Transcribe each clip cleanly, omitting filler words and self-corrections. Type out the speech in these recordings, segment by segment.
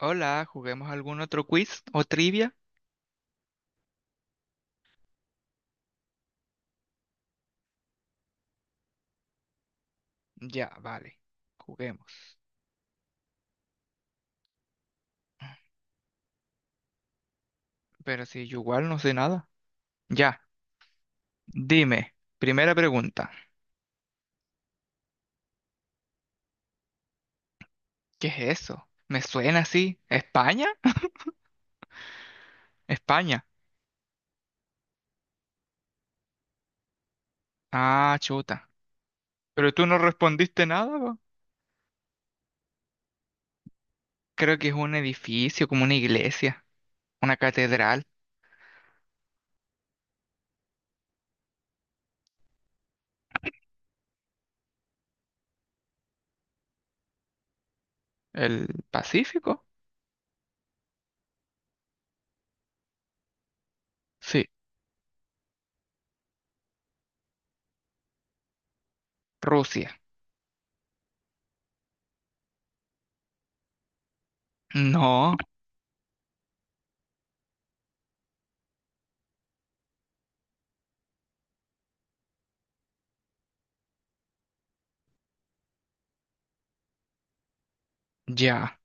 Hola, ¿juguemos algún otro quiz o trivia? Ya, vale, juguemos. Pero si yo igual no sé nada. Ya, dime, primera pregunta. ¿Qué es eso? ¿Me suena así? ¿España? España. Ah, chuta. Pero tú no respondiste nada, po. Creo que es un edificio, como una iglesia, una catedral. ¿El Pacífico? Sí. Rusia. No, ya.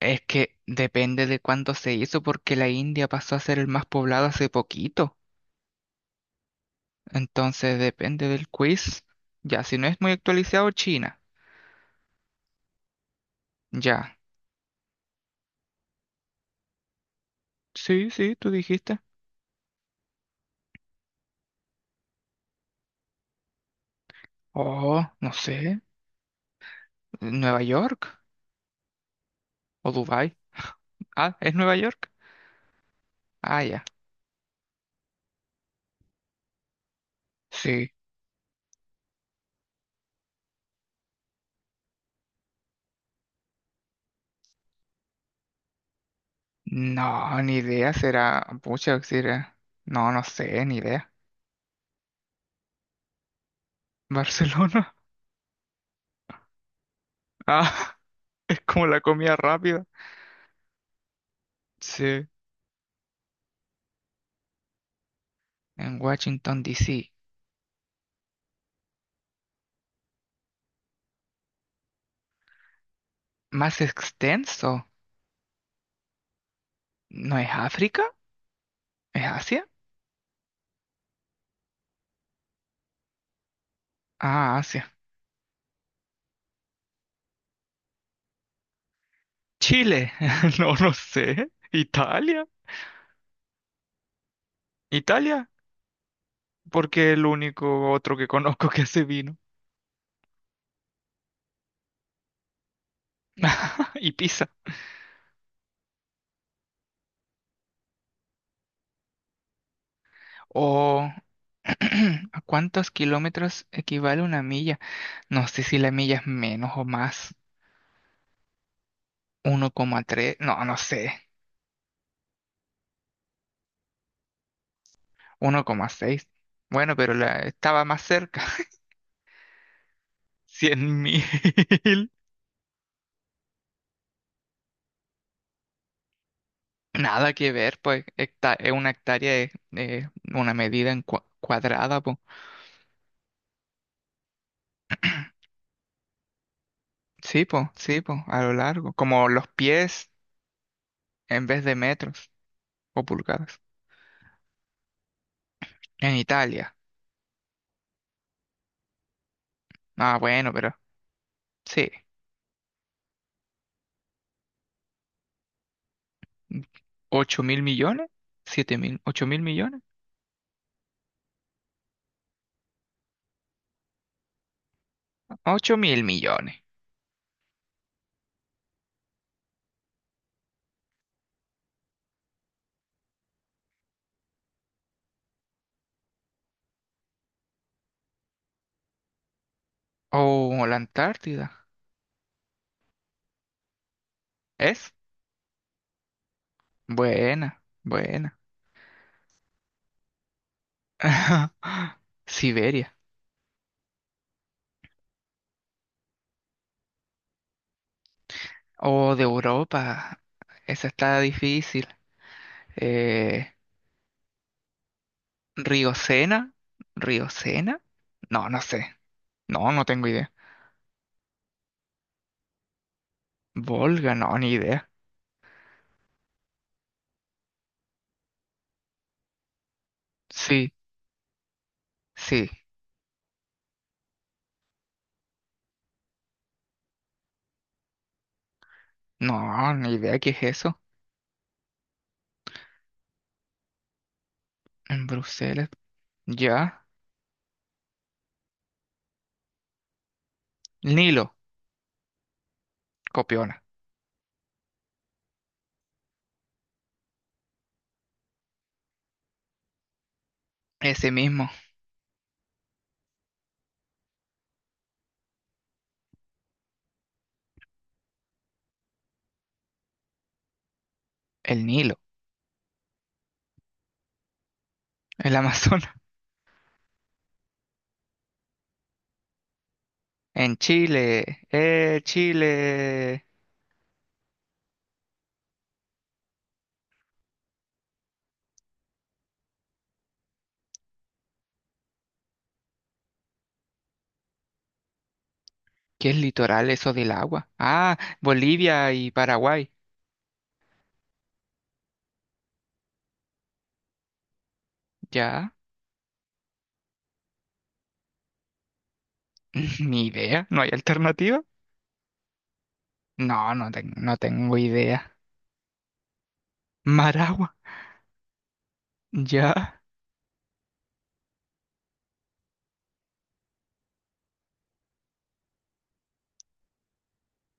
Es que depende de cuándo se hizo, porque la India pasó a ser el más poblado hace poquito. Entonces depende del quiz. Ya, si no es muy actualizado, China. Ya. Sí, sí, tú dijiste. Oh, no sé. ¿Nueva York? ¿O Dubai? Ah, ¿es Nueva York? Ah, ya. Sí. No, ni idea. Será. Pucha, será. No, no sé, ni idea. ¿Barcelona? Ah, es como la comida rápida. Sí. En Washington, D. C. ¿Más extenso? ¿No es África? ¿Es Asia? Ah, Asia. Chile, no, no sé. Italia, Italia, porque es el único otro que conozco que hace vino. Y Pisa. O ¿a cuántos kilómetros equivale una milla? No sé si la milla es menos o más. 1,3, no, no sé. 1,6. Bueno, pero la, estaba más cerca. 100.000. Nada que ver, pues una hectárea es una medida en cuadrada. Sí, po, a lo largo. Como los pies en vez de metros o pulgadas. En Italia. Ah, bueno, pero sí. ¿8.000 millones? ¿7.000? ¿8.000 millones? 8.000 millones. Oh, la Antártida. ¿Es? Buena, buena. Siberia. Oh, de Europa. Esa está difícil. Eh, Río Sena. ¿Río Sena? No, no sé. No, no tengo idea. Volga, no, ni idea. Sí, sí. No, ni idea qué es eso. En Bruselas. Ya. Nilo. Copiona. Ese mismo, el Nilo, el Amazonas. En Chile, Chile. ¿Qué es litoral eso del agua? Ah, Bolivia y Paraguay. Ya. Ni idea, ¿no hay alternativa? No, no, no tengo idea. Maragua, ya.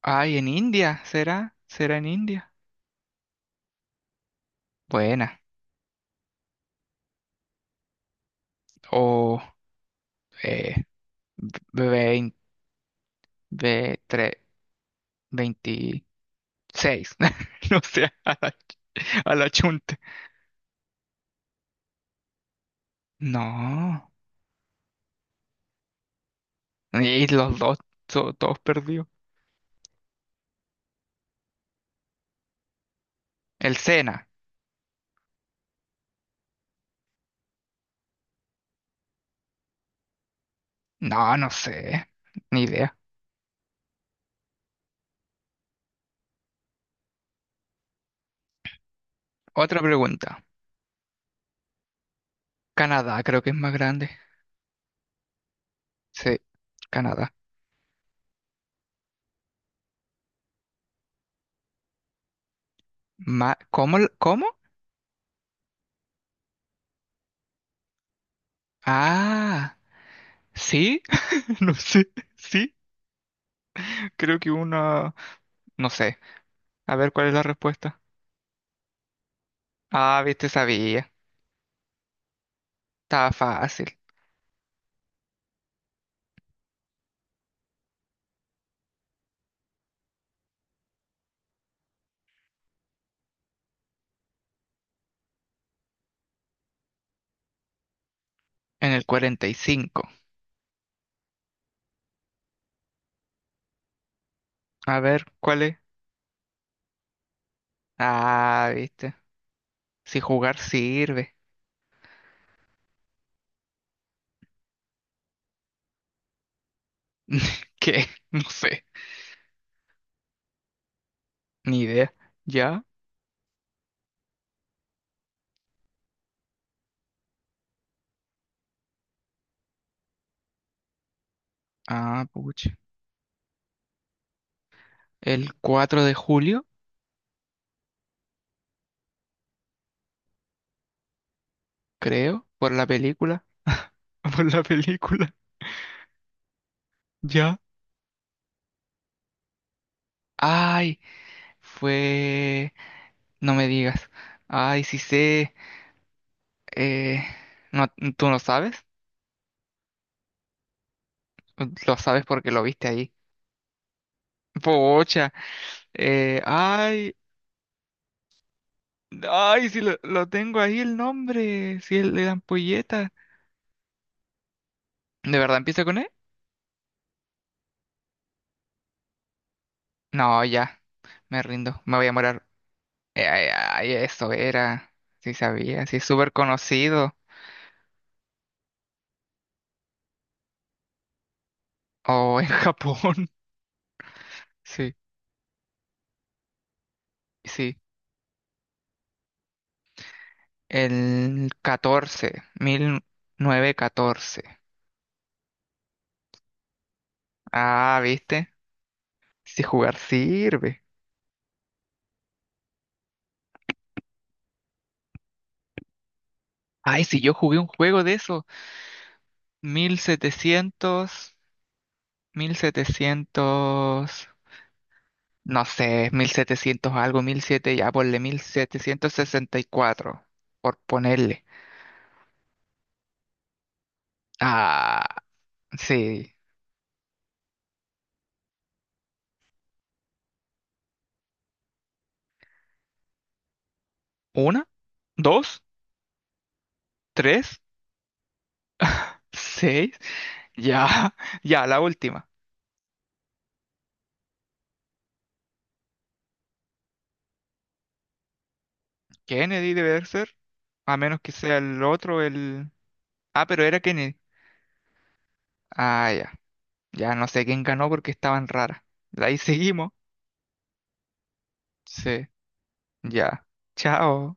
Ay, en India, ¿será? ¿Será en India? Buena. O, eh, 20. 26. No sé, a la chunta. No. Y los dos, todos perdidos. El Sena. No, no sé. Ni idea. Otra pregunta. Canadá creo que es más grande. Sí, Canadá. Ma- ¿Cómo? L- ¿Cómo? Ah, sí. No sé. Sí, creo que una... No sé. A ver cuál es la respuesta. Ah, viste, sabía. Estaba fácil. En el 45. A ver, ¿cuál es? Ah, viste. Si jugar sirve. ¿Qué? No sé. Ni idea. ¿Ya? Ah, pucha. El 4 de julio, creo. Por la película. Por la película. ¿Ya? Ay, fue... No me digas. Ay, sí sé. Eh... No, ¿tú no sabes? Lo sabes porque lo viste ahí. Pocha. Ay. Ay, si lo tengo ahí el nombre. Si el de la ampolleta. ¿De verdad empieza con E? No, ya, me rindo, me voy a morar. Ay, ay, eso era, sí sabía, sí es súper conocido. Oh, en Japón, sí, sí. El 14, catorce. Ah, ¿viste? Si jugar sirve. Ay, si yo jugué un juego de eso, mil setecientos mil setecientos no sé, 1700 algo, mil siete ya ponle 1764 por ponerle. Ah. Sí. Una, dos, tres, seis. Ya, ya, la última. Kennedy debe de ser. A menos que sea el otro, el... Ah, pero era Kennedy. Ah, ya. Ya no sé quién ganó porque estaban raras. Ahí seguimos. Sí, ya. Chao.